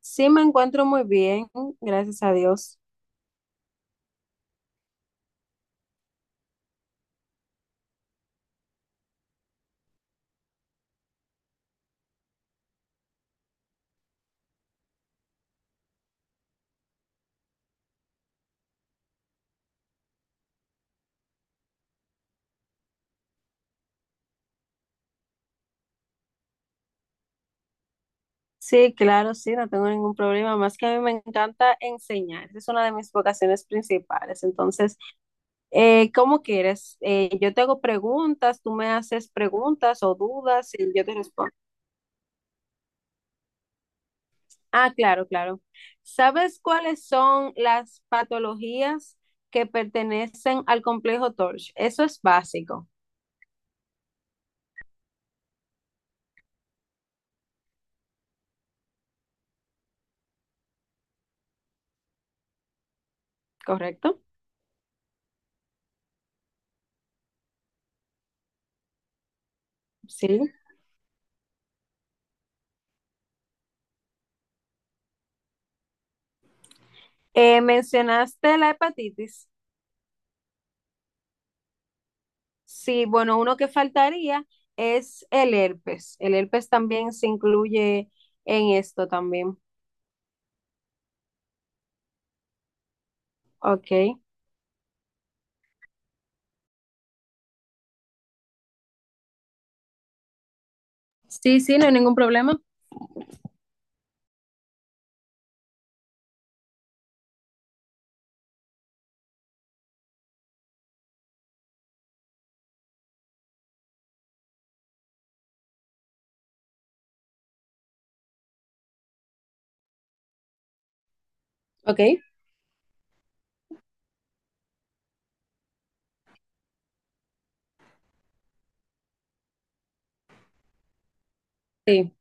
Sí, me encuentro muy bien, gracias a Dios. Sí, claro, sí, no tengo ningún problema, más que a mí me encanta enseñar, esa es una de mis vocaciones principales. Entonces, ¿cómo quieres? Yo te hago preguntas, tú me haces preguntas o dudas y yo te respondo. Ah, claro, claro. ¿Sabes cuáles son las patologías que pertenecen al complejo Torch? Eso es básico, ¿correcto? Sí. Mencionaste la hepatitis. Sí, bueno, uno que faltaría es el herpes. El herpes también se incluye en esto también. Ok. Sí, sí, no hay ningún problema. Ok, sí.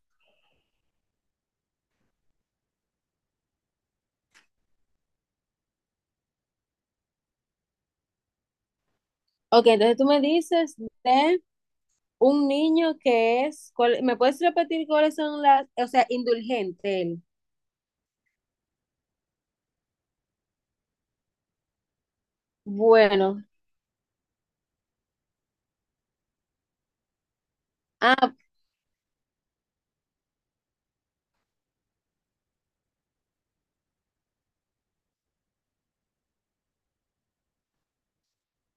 Ok, entonces tú me dices de un niño que es, ¿me puedes repetir cuáles son las, o sea, indulgente él? Bueno. Ah,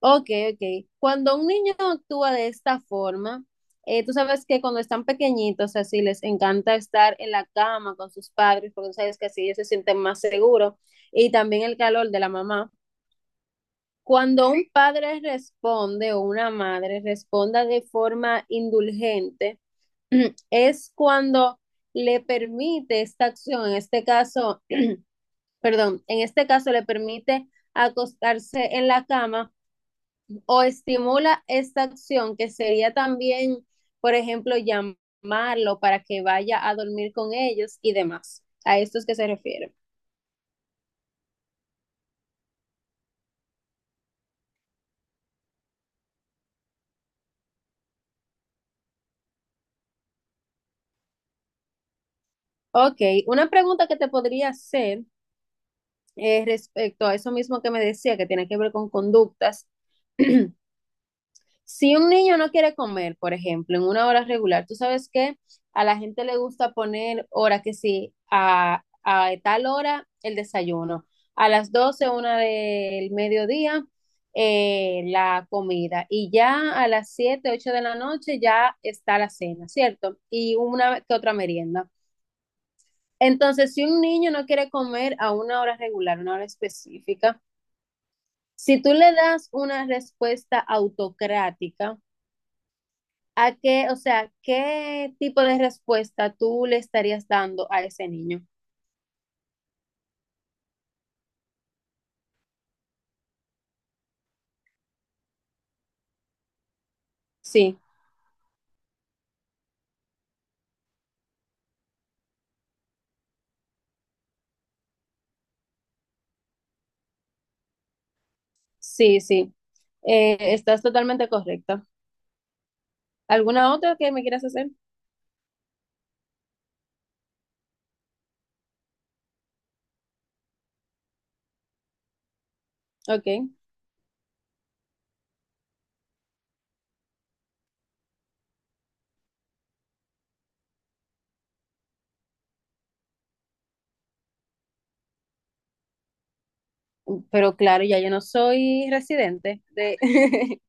ok, ok. Cuando un niño actúa de esta forma, tú sabes que cuando están pequeñitos, así les encanta estar en la cama con sus padres, porque tú sabes que así ellos se sienten más seguros y también el calor de la mamá. Cuando un padre responde o una madre responda de forma indulgente, es cuando le permite esta acción, en este caso, perdón, en este caso le permite acostarse en la cama o estimula esta acción que sería también, por ejemplo, llamarlo para que vaya a dormir con ellos y demás. A esto es que se refiere. Ok, una pregunta que te podría hacer respecto a eso mismo que me decía, que tiene que ver con conductas. Si un niño no quiere comer, por ejemplo, en una hora regular, tú sabes que a la gente le gusta poner hora que sí, a tal hora el desayuno, a las 12 una del mediodía, la comida, y ya a las 7 8 de la noche ya está la cena, ¿cierto? Y una que otra merienda. Entonces, si un niño no quiere comer a una hora regular, una hora específica, si tú le das una respuesta autocrática, ¿a qué, o sea, qué tipo de respuesta tú le estarías dando a ese niño? Sí, sí, sí. Estás totalmente correcta. ¿Alguna otra que me quieras hacer? Ok. Pero claro, ya yo no soy residente de...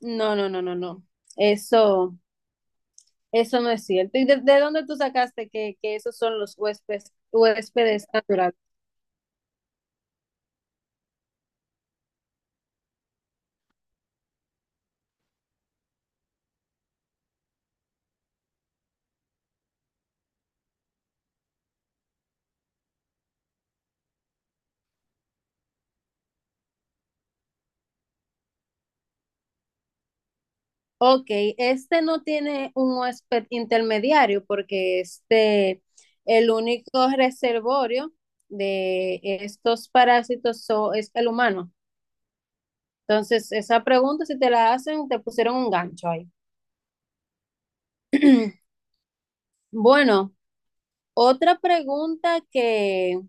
No, no, no, no, no. Eso, eso no es cierto. ¿Y de dónde tú sacaste que esos son los huéspedes, huéspedes naturales? Ok, este no tiene un huésped intermediario porque este, el único reservorio de estos parásitos es el humano. Entonces, esa pregunta, si te la hacen, te pusieron un gancho ahí. Bueno, otra pregunta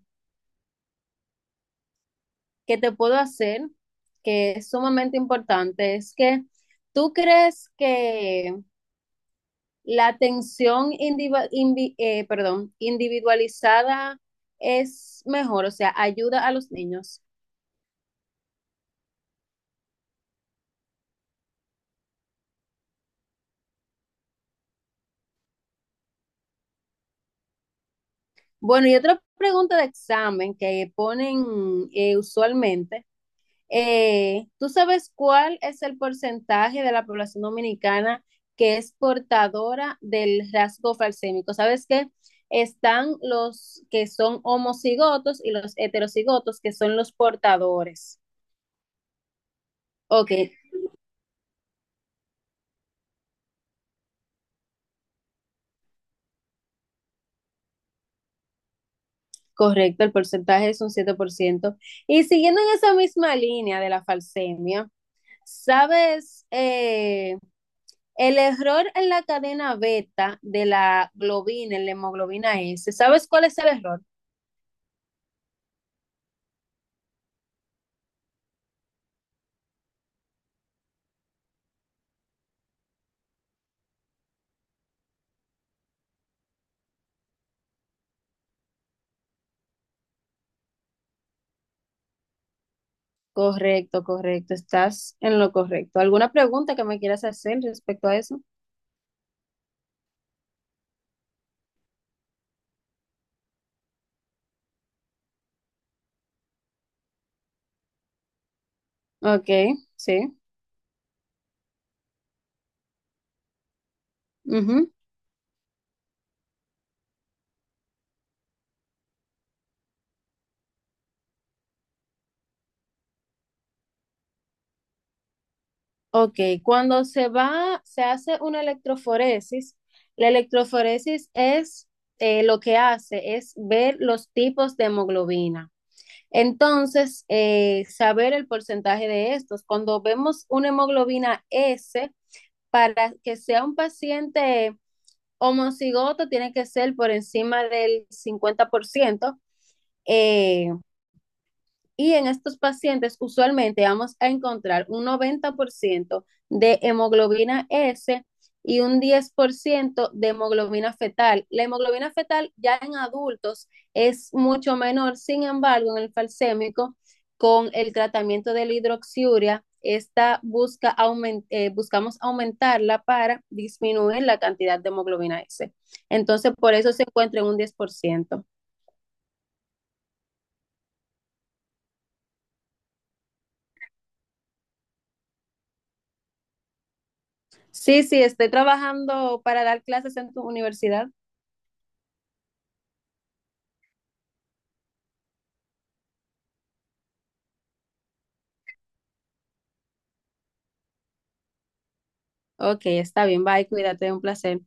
que te puedo hacer, que es sumamente importante, es que ¿tú crees que la atención individual, perdón, individualizada es mejor, o sea, ayuda a los niños? Bueno, y otra pregunta de examen que ponen usualmente, ¿tú sabes cuál es el porcentaje de la población dominicana que es portadora del rasgo falsémico? ¿Sabes qué? Están los que son homocigotos y los heterocigotos, que son los portadores. Ok, correcto, el porcentaje es un 7%. Y siguiendo en esa misma línea de la falsemia, ¿sabes? El error en la cadena beta de la globina, en la hemoglobina S, ¿sabes cuál es el error? Correcto, correcto, estás en lo correcto. ¿Alguna pregunta que me quieras hacer respecto a eso? Ok, sí. Ok, cuando se va, se hace una electroforesis, la electroforesis es lo que hace es ver los tipos de hemoglobina. Entonces, saber el porcentaje de estos. Cuando vemos una hemoglobina S, para que sea un paciente homocigoto, tiene que ser por encima del 50%. eh, y en estos pacientes usualmente vamos a encontrar un 90% de hemoglobina S y un 10% de hemoglobina fetal. La hemoglobina fetal ya en adultos es mucho menor, sin embargo, en el falsémico, con el tratamiento de la hidroxiuria, esta busca aument buscamos aumentarla para disminuir la cantidad de hemoglobina S. Entonces, por eso se encuentra en un 10%. Sí, sí, estoy trabajando para dar clases en tu universidad. Ok, está bien, bye, cuídate, un placer.